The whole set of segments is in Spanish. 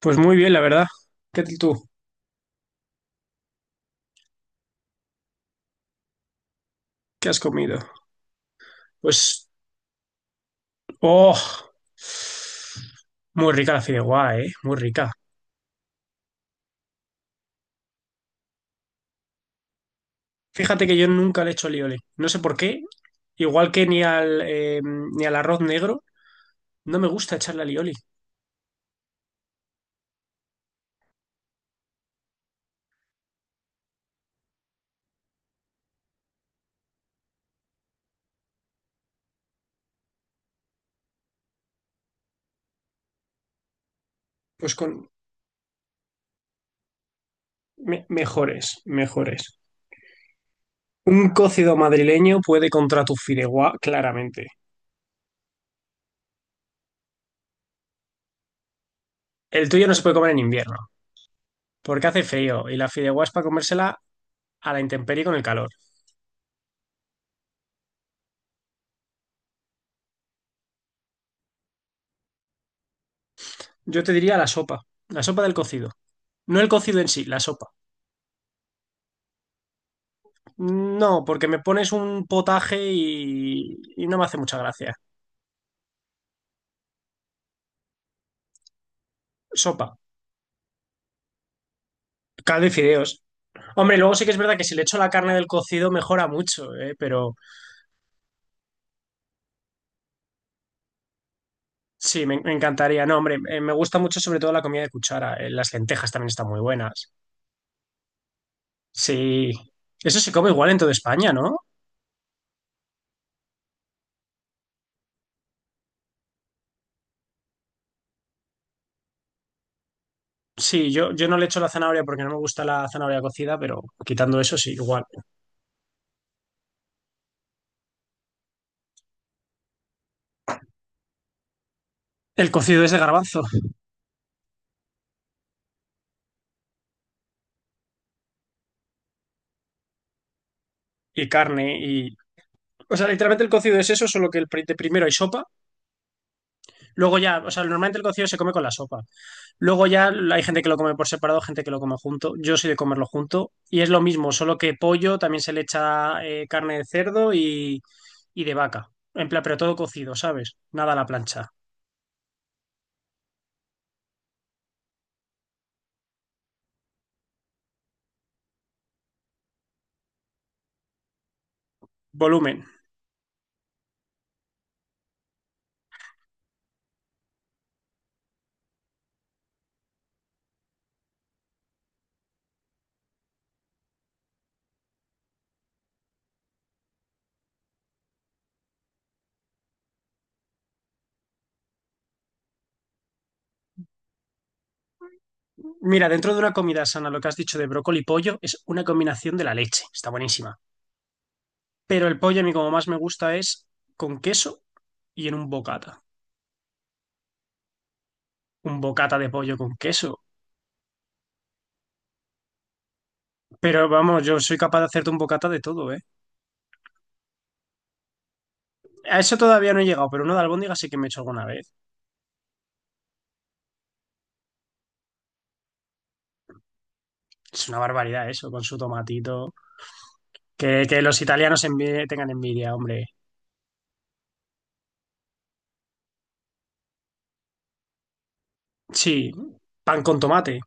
Pues muy bien, la verdad. ¿Qué tal tú? ¿Qué has comido? Pues, oh, muy rica la fideuá, muy rica. Fíjate que yo nunca le he hecho alioli. No sé por qué, igual que ni al arroz negro, no me gusta echarle alioli. Pues con mejores, mejores. Un cocido madrileño puede contra tu fideuá, claramente. El tuyo no se puede comer en invierno, porque hace frío y la fideuá es para comérsela a la intemperie con el calor. Yo te diría la sopa del cocido. No el cocido en sí, la sopa. No, porque me pones un potaje y no me hace mucha gracia. Sopa, caldo y fideos. Hombre, luego sí que es verdad que si le echo la carne del cocido mejora mucho, ¿eh? Pero sí, me encantaría. No, hombre, me gusta mucho sobre todo la comida de cuchara. Las lentejas también están muy buenas. Sí, eso se come igual en toda España, ¿no? Sí, yo no le echo la zanahoria porque no me gusta la zanahoria cocida, pero quitando eso sí, igual. El cocido es de garbanzo y carne y, o sea, literalmente el cocido es eso, solo que de primero hay sopa. Luego ya, o sea, normalmente el cocido se come con la sopa. Luego ya hay gente que lo come por separado, gente que lo come junto. Yo soy de comerlo junto. Y es lo mismo, solo que pollo también se le echa carne de cerdo y de vaca. En plan, pero todo cocido, ¿sabes? Nada a la plancha. Volumen. Mira, dentro de una comida sana, lo que has dicho de brócoli y pollo es una combinación de la leche. Está buenísima. Pero el pollo a mí como más me gusta es con queso y en un bocata. Un bocata de pollo con queso. Pero vamos, yo soy capaz de hacerte un bocata de todo, ¿eh? A eso todavía no he llegado, pero uno de albóndiga sí que me he hecho alguna vez. Es una barbaridad eso, con su tomatito. Que los italianos tengan envidia, hombre. Sí, pan con tomate.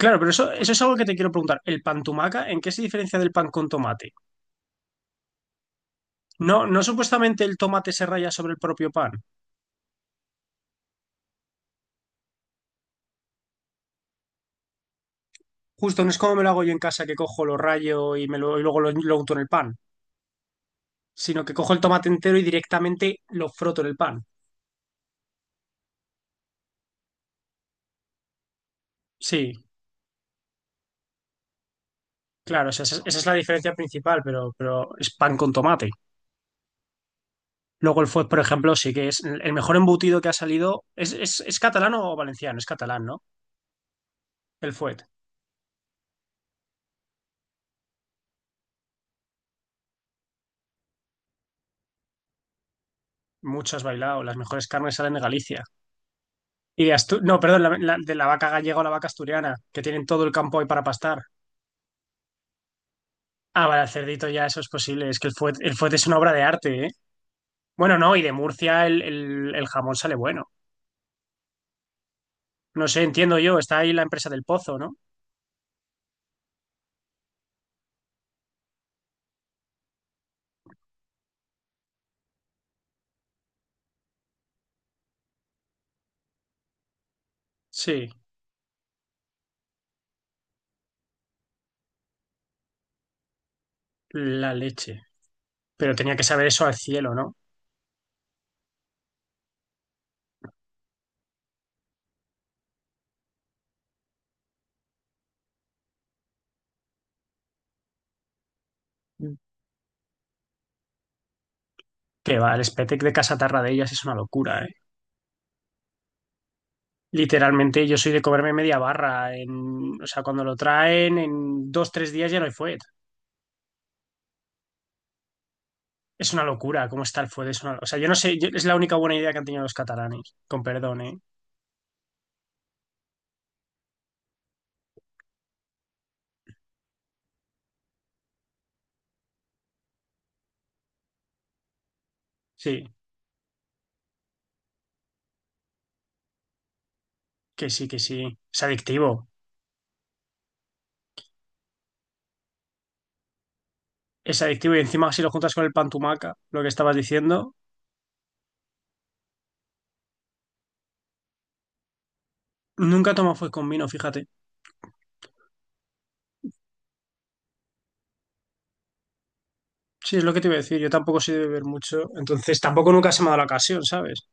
Claro, pero eso es algo que te quiero preguntar. ¿El pan tumaca en qué se diferencia del pan con tomate? No, no supuestamente el tomate se raya sobre el propio pan. Justo, no es como me lo hago yo en casa, que cojo, lo rayo y, y luego lo unto en el pan. Sino que cojo el tomate entero y directamente lo froto en el pan. Sí. Claro, esa es la diferencia principal, pero es pan con tomate. Luego el fuet, por ejemplo, sí que es el mejor embutido que ha salido. ¿Es catalán o valenciano? Es catalán, ¿no? El fuet. Mucho has bailado. Las mejores carnes salen de Galicia. No, perdón, de la vaca gallega o la vaca asturiana, que tienen todo el campo ahí para pastar. Ah, vale, el cerdito ya eso es posible. Es que el fuet es una obra de arte, ¿eh? Bueno, no, y de Murcia el jamón sale bueno. No sé, entiendo yo. Está ahí la empresa del pozo, ¿no? Sí, la leche. Pero tenía que saber eso al cielo, ¿no? Que va, el Spetek de Casa ellas es una locura, ¿eh? Literalmente yo soy de comerme media barra. O sea, cuando lo traen, en dos, tres días ya no hay fuet. Es una locura cómo está el fuet. O sea, yo no sé, es la única buena idea que han tenido los catalanes. Con perdón, ¿eh? Sí, que sí, que sí. Es adictivo. Es adictivo y encima si lo juntas con el pan tumaca, lo que estabas diciendo, nunca tomo fuet con vino, fíjate. Sí, es lo que te iba a decir. Yo tampoco soy de beber mucho, entonces tampoco nunca se me ha dado la ocasión, ¿sabes?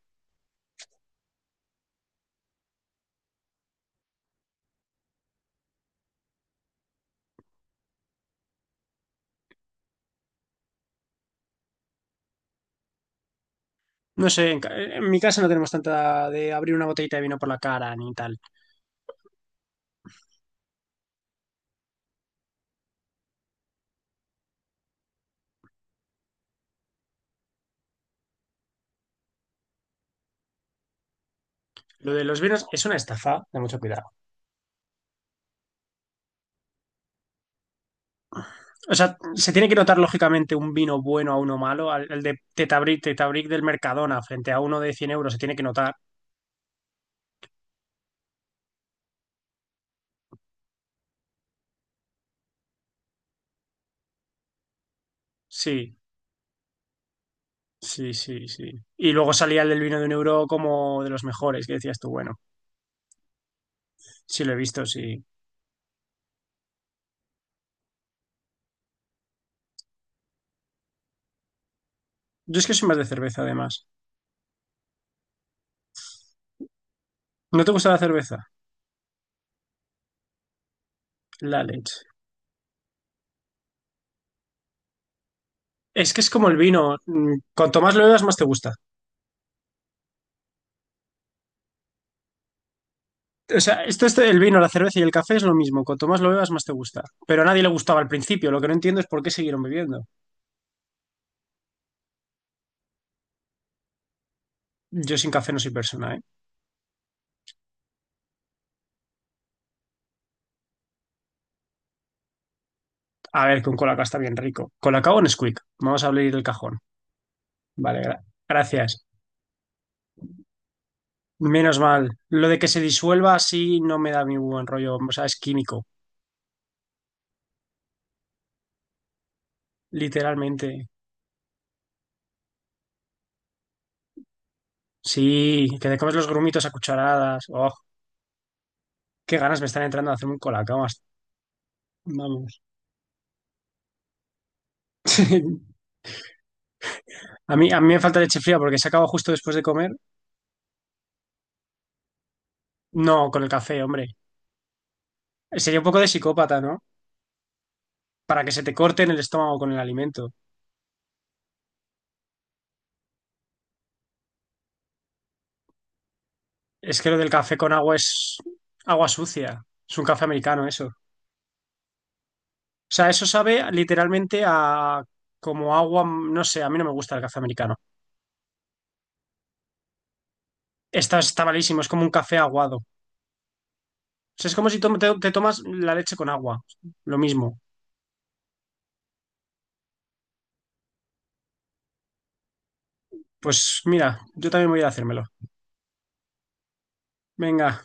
No sé, en mi casa no tenemos tanta de abrir una botellita de vino por la cara ni tal. Lo de los vinos es una estafa de mucho cuidado. O sea, se tiene que notar lógicamente un vino bueno a uno malo. El de Tetabric del Mercadona frente a uno de 100 € se tiene que notar. Sí, sí, sí, sí. Y luego salía el del vino de un euro como de los mejores, que decías tú, bueno, sí lo he visto, sí. Yo es que soy más de cerveza además. ¿No te gusta la cerveza? La leche. Es que es como el vino. Cuanto más lo bebas, más te gusta. O sea, esto del vino, la cerveza y el café es lo mismo. Cuanto más lo bebas, más te gusta. Pero a nadie le gustaba al principio. Lo que no entiendo es por qué siguieron bebiendo. Yo sin café no soy persona, ¿eh? A ver, que un colacao está bien rico. Colacao o Nesquik. Vamos a abrir el cajón. Vale, gracias. Menos mal. Lo de que se disuelva así no me da mi buen rollo. O sea, es químico. Literalmente. Sí, que te comes los grumitos a cucharadas. Oh, qué ganas me están entrando de hacerme un colacao. Vamos. A mí, me falta leche fría porque se acaba justo después de comer. No, con el café, hombre. Sería un poco de psicópata, ¿no? Para que se te corte en el estómago con el alimento. Es que lo del café con agua es agua sucia. Es un café americano eso. O sea, eso sabe literalmente a como agua, no sé, a mí no me gusta el café americano. Está malísimo, es como un café aguado. O sea, es como si te tomas la leche con agua, lo mismo. Pues mira, yo también voy a ir a hacérmelo. Venga.